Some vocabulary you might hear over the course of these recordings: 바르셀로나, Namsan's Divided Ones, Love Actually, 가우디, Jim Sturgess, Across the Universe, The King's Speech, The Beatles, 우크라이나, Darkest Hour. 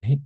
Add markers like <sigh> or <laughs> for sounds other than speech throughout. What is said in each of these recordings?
네.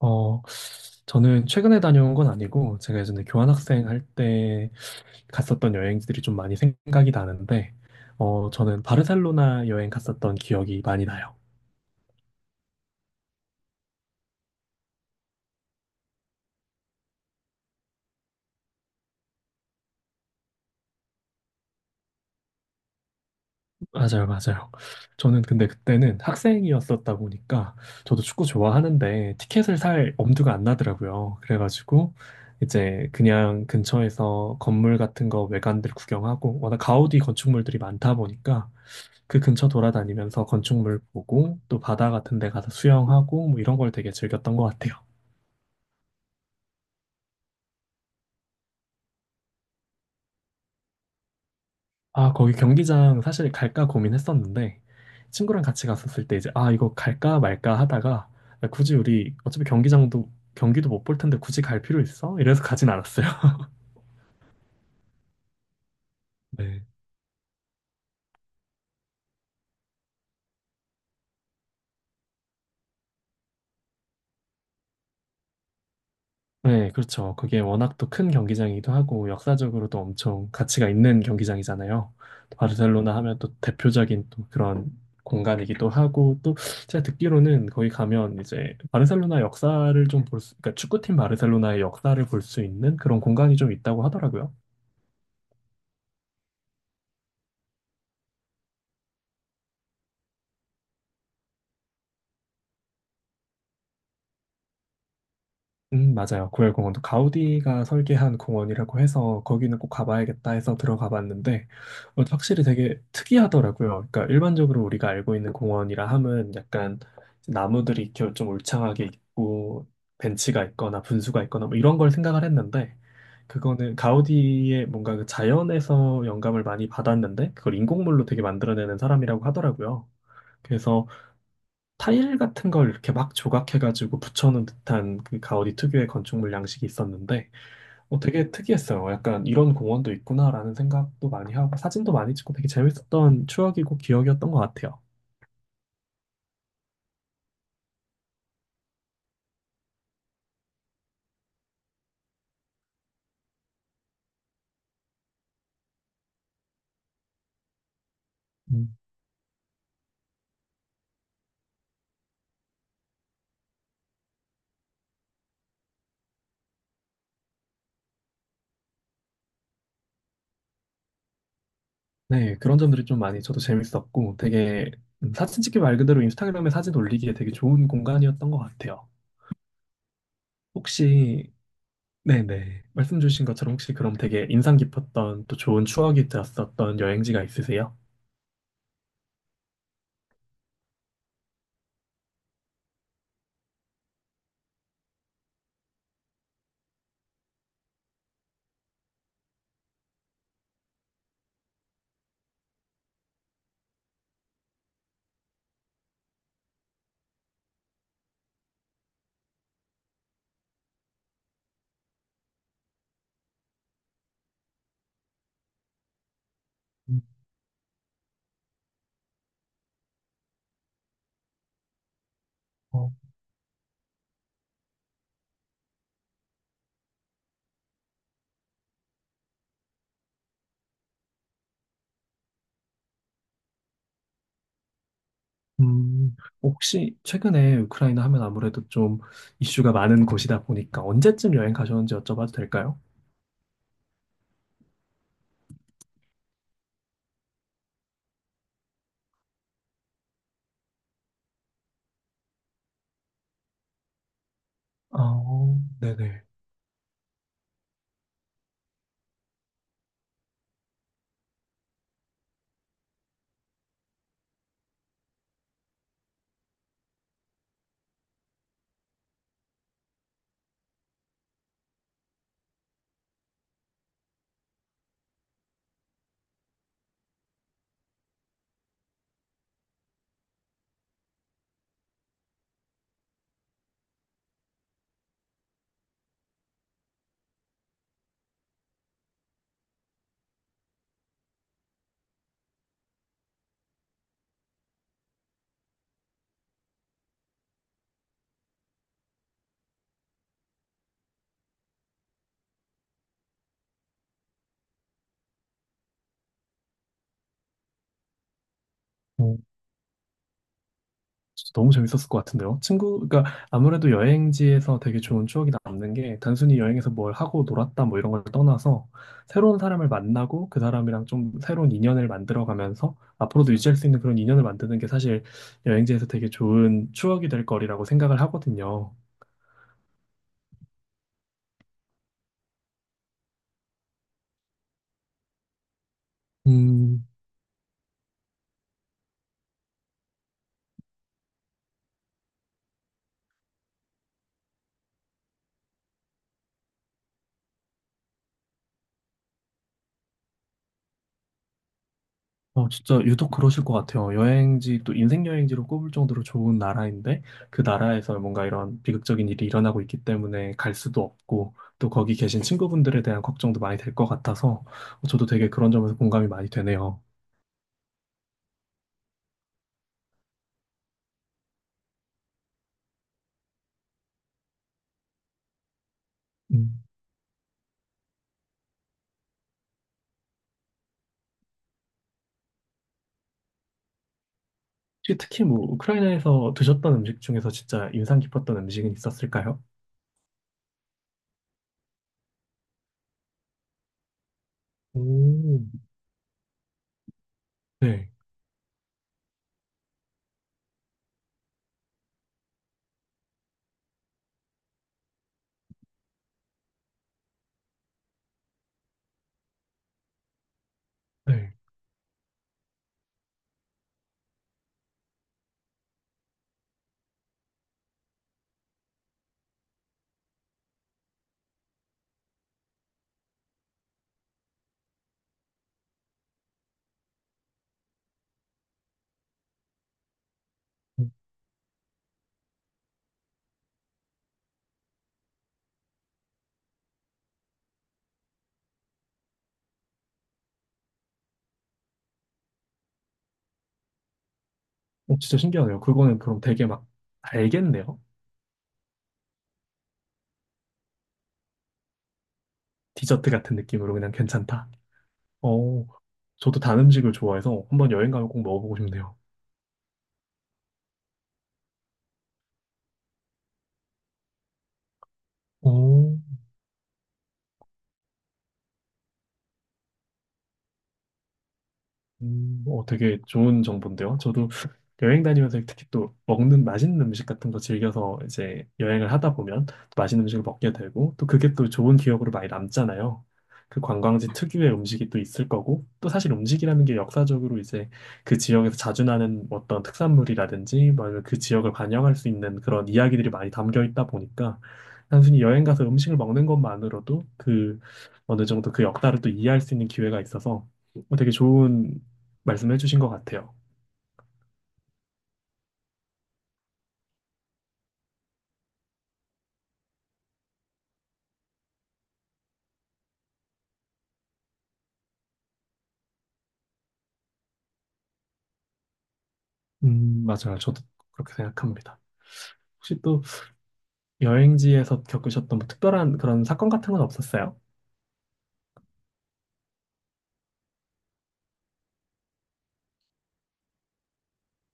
어, 저는 최근에 다녀온 건 아니고, 제가 예전에 교환학생 할 때 갔었던 여행지들이 좀 많이 생각이 나는데, 저는 바르셀로나 여행 갔었던 기억이 많이 나요. 맞아요, 맞아요. 저는 근데 그때는 학생이었었다 보니까, 저도 축구 좋아하는데, 티켓을 살 엄두가 안 나더라고요. 그래가지고, 이제 그냥 근처에서 건물 같은 거 외관들 구경하고, 워낙 가우디 건축물들이 많다 보니까, 그 근처 돌아다니면서 건축물 보고 또 바다 같은 데 가서 수영하고 뭐 이런 걸 되게 즐겼던 것 같아요. 아, 거기 경기장 사실 갈까 고민했었는데 친구랑 같이 갔었을 때 이제 아, 이거 갈까 말까 하다가 야, 굳이 우리 어차피 경기장도 경기도 못 볼 텐데 굳이 갈 필요 있어? 이래서 가진 않았어요. <laughs> 네. 네, 그렇죠. 그게 워낙 또 큰 경기장이기도 하고 역사적으로도 엄청 가치가 있는 경기장이잖아요. 또 바르셀로나 하면 또 대표적인 또 그런 공간이기도 하고 또 제가 듣기로는 거기 가면 이제 바르셀로나 역사를 좀 볼 수, 그러니까 축구팀 바르셀로나의 역사를 볼 수 있는 그런 공간이 좀 있다고 하더라고요. 맞아요. 구엘공원도 가우디가 설계한 공원이라고 해서 거기는 꼭 가봐야겠다 해서 들어가 봤는데 확실히 되게 특이하더라고요. 그러니까 일반적으로 우리가 알고 있는 공원이라 함은 약간 이제 나무들이 이렇게 좀 울창하게 있고 벤치가 있거나 분수가 있거나 뭐 이런 걸 생각을 했는데 그거는 가우디의 뭔가 그 자연에서 영감을 많이 받았는데 그걸 인공물로 되게 만들어내는 사람이라고 하더라고요. 그래서 타일 같은 걸 이렇게 막 조각해가지고 붙여놓은 듯한 그 가우디 특유의 건축물 양식이 있었는데 되게 특이했어요. 약간 이런 공원도 있구나라는 생각도 많이 하고 사진도 많이 찍고 되게 재밌었던 추억이고 기억이었던 것 같아요. 음. 네, 그런 점들이 좀 많이 저도 재밌었고 되게 사진 찍기 말 그대로 인스타그램에 사진 올리기에 되게 좋은 공간이었던 것 같아요. 혹시 네네. 말씀 주신 것처럼 혹시 그럼 되게 인상 깊었던 또 좋은 추억이 되었었던 여행지가 있으세요? 음. 어, 음, 혹시 최근에 우크라이나 하면 아무래도 좀 이슈가 많은 곳이다 보니까 언제쯤 여행 가셨는지 여쭤봐도 될까요? 아, 어, 네네. 진짜 너무 재밌었을 것 같은데요. 친구, 그러니까 아무래도 여행지에서 되게 좋은 추억이 남는 게 단순히 여행에서 뭘 하고 놀았다 뭐 이런 걸 떠나서 새로운 사람을 만나고 그 사람이랑 좀 새로운 인연을 만들어가면서 앞으로도 유지할 수 있는 그런 인연을 만드는 게 사실 여행지에서 되게 좋은 추억이 될 거리라고 생각을 하거든요. 음. 진짜 유독 그러실 것 같아요. 여행지, 또 인생 여행지로 꼽을 정도로 좋은 나라인데, 그 나라에서 뭔가 이런 비극적인 일이 일어나고 있기 때문에 갈 수도 없고, 또 거기 계신 친구분들에 대한 걱정도 많이 될 것 같아서, 저도 되게 그런 점에서 공감이 많이 되네요. 음. 혹시 특히 뭐, 우크라이나에서 드셨던 음식 중에서 진짜 인상 깊었던 음식은 있었을까요? 오, 네, 네. 진짜 신기하네요. 그거는 그럼 되게 막 달겠네요. 디저트 같은 느낌으로 그냥 괜찮다. 어, 저도 단 음식을 좋아해서 한번 여행 가면 꼭 먹어보고 싶네요. 어, 되게 좋은 정보인데요. 저도 여행 다니면서 특히 또 먹는 맛있는 음식 같은 거 즐겨서 이제 여행을 하다 보면 또 맛있는 음식을 먹게 되고 또 그게 또 좋은 기억으로 많이 남잖아요. 그 관광지 특유의 음식이 또 있을 거고 또 사실 음식이라는 게 역사적으로 이제 그 지역에서 자주 나는 어떤 특산물이라든지 뭐 아니면 그 지역을 반영할 수 있는 그런 이야기들이 많이 담겨 있다 보니까 단순히 여행 가서 음식을 먹는 것만으로도 그 어느 정도 그 역사를 또 이해할 수 있는 기회가 있어서 뭐 되게 좋은 말씀해 주신 것 같아요. 맞아요. 저도 그렇게 생각합니다. 혹시 또 여행지에서 겪으셨던 뭐 특별한 그런 사건 같은 건 없었어요?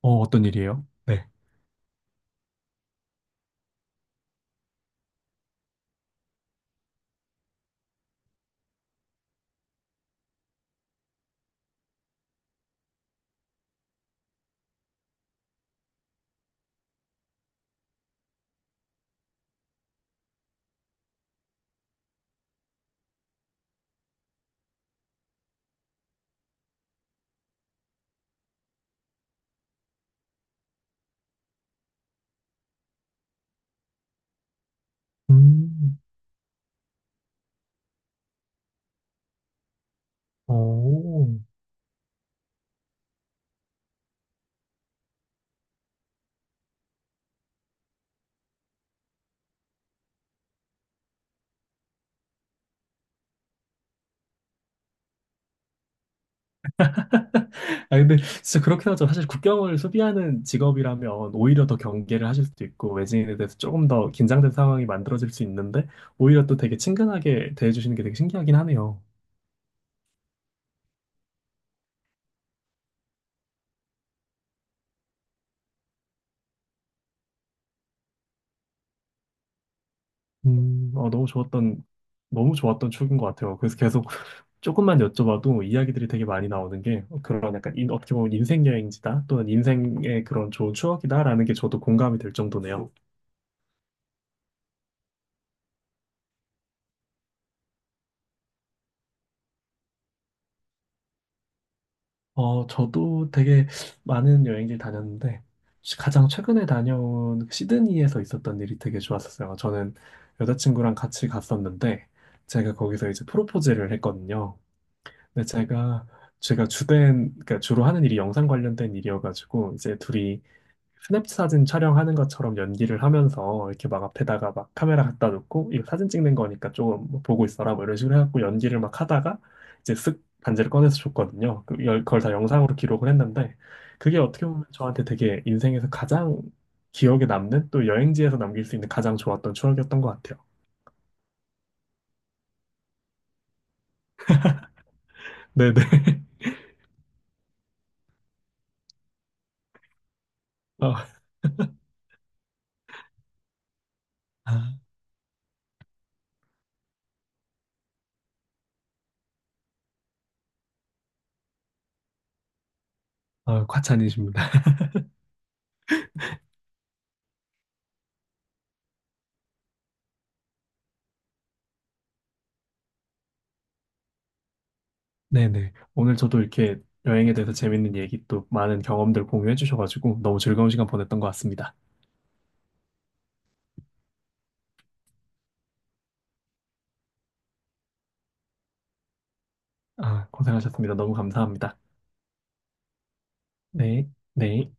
어, 어떤 일이에요? 네. 음. 오. 아, 근데 진짜 그렇긴 하죠. 사실 국경을 수비하는 직업이라면 오히려 더 경계를 하실 수도 있고, 외지인에 대해서 조금 더 긴장된 상황이 만들어질 수 있는데, 오히려 또 되게 친근하게 대해주시는 게 되게 신기하긴 하네요. 너무 좋았던, 너무 좋았던 추억인 것 같아요. 그래서 계속 조금만 여쭤봐도 이야기들이 되게 많이 나오는 게 그런 약간 인, 어떻게 보면 인생 여행지다 또는 인생의 그런 좋은 추억이다라는 게 저도 공감이 될 정도네요. 저도 되게 많은 여행지를 다녔는데 가장 최근에 다녀온 시드니에서 있었던 일이 되게 좋았었어요. 저는 여자친구랑 같이 갔었는데 제가 거기서 이제 프로포즈를 했거든요. 근데 제가 주된 그러니까 주로 하는 일이 영상 관련된 일이어가지고 이제 둘이 스냅 사진 촬영하는 것처럼 연기를 하면서 이렇게 막 앞에다가 막 카메라 갖다 놓고 이거 사진 찍는 거니까 조금 뭐 보고 있어라 뭐 이런 식으로 해갖고 연기를 막 하다가 이제 쓱 반지를 꺼내서 줬거든요. 그걸 다 영상으로 기록을 했는데 그게 어떻게 보면 저한테 되게 인생에서 가장 기억에 남는 또 여행지에서 남길 수 있는 가장 좋았던 추억이었던 것 같아요. 네네. <laughs> 어, 아, 과찬이십니다. 네네. 오늘 저도 이렇게 여행에 대해서 재밌는 얘기 또 많은 경험들 공유해 주셔가지고 너무 즐거운 시간 보냈던 것 같습니다. 아, 고생하셨습니다. 너무 감사합니다. 네, 네.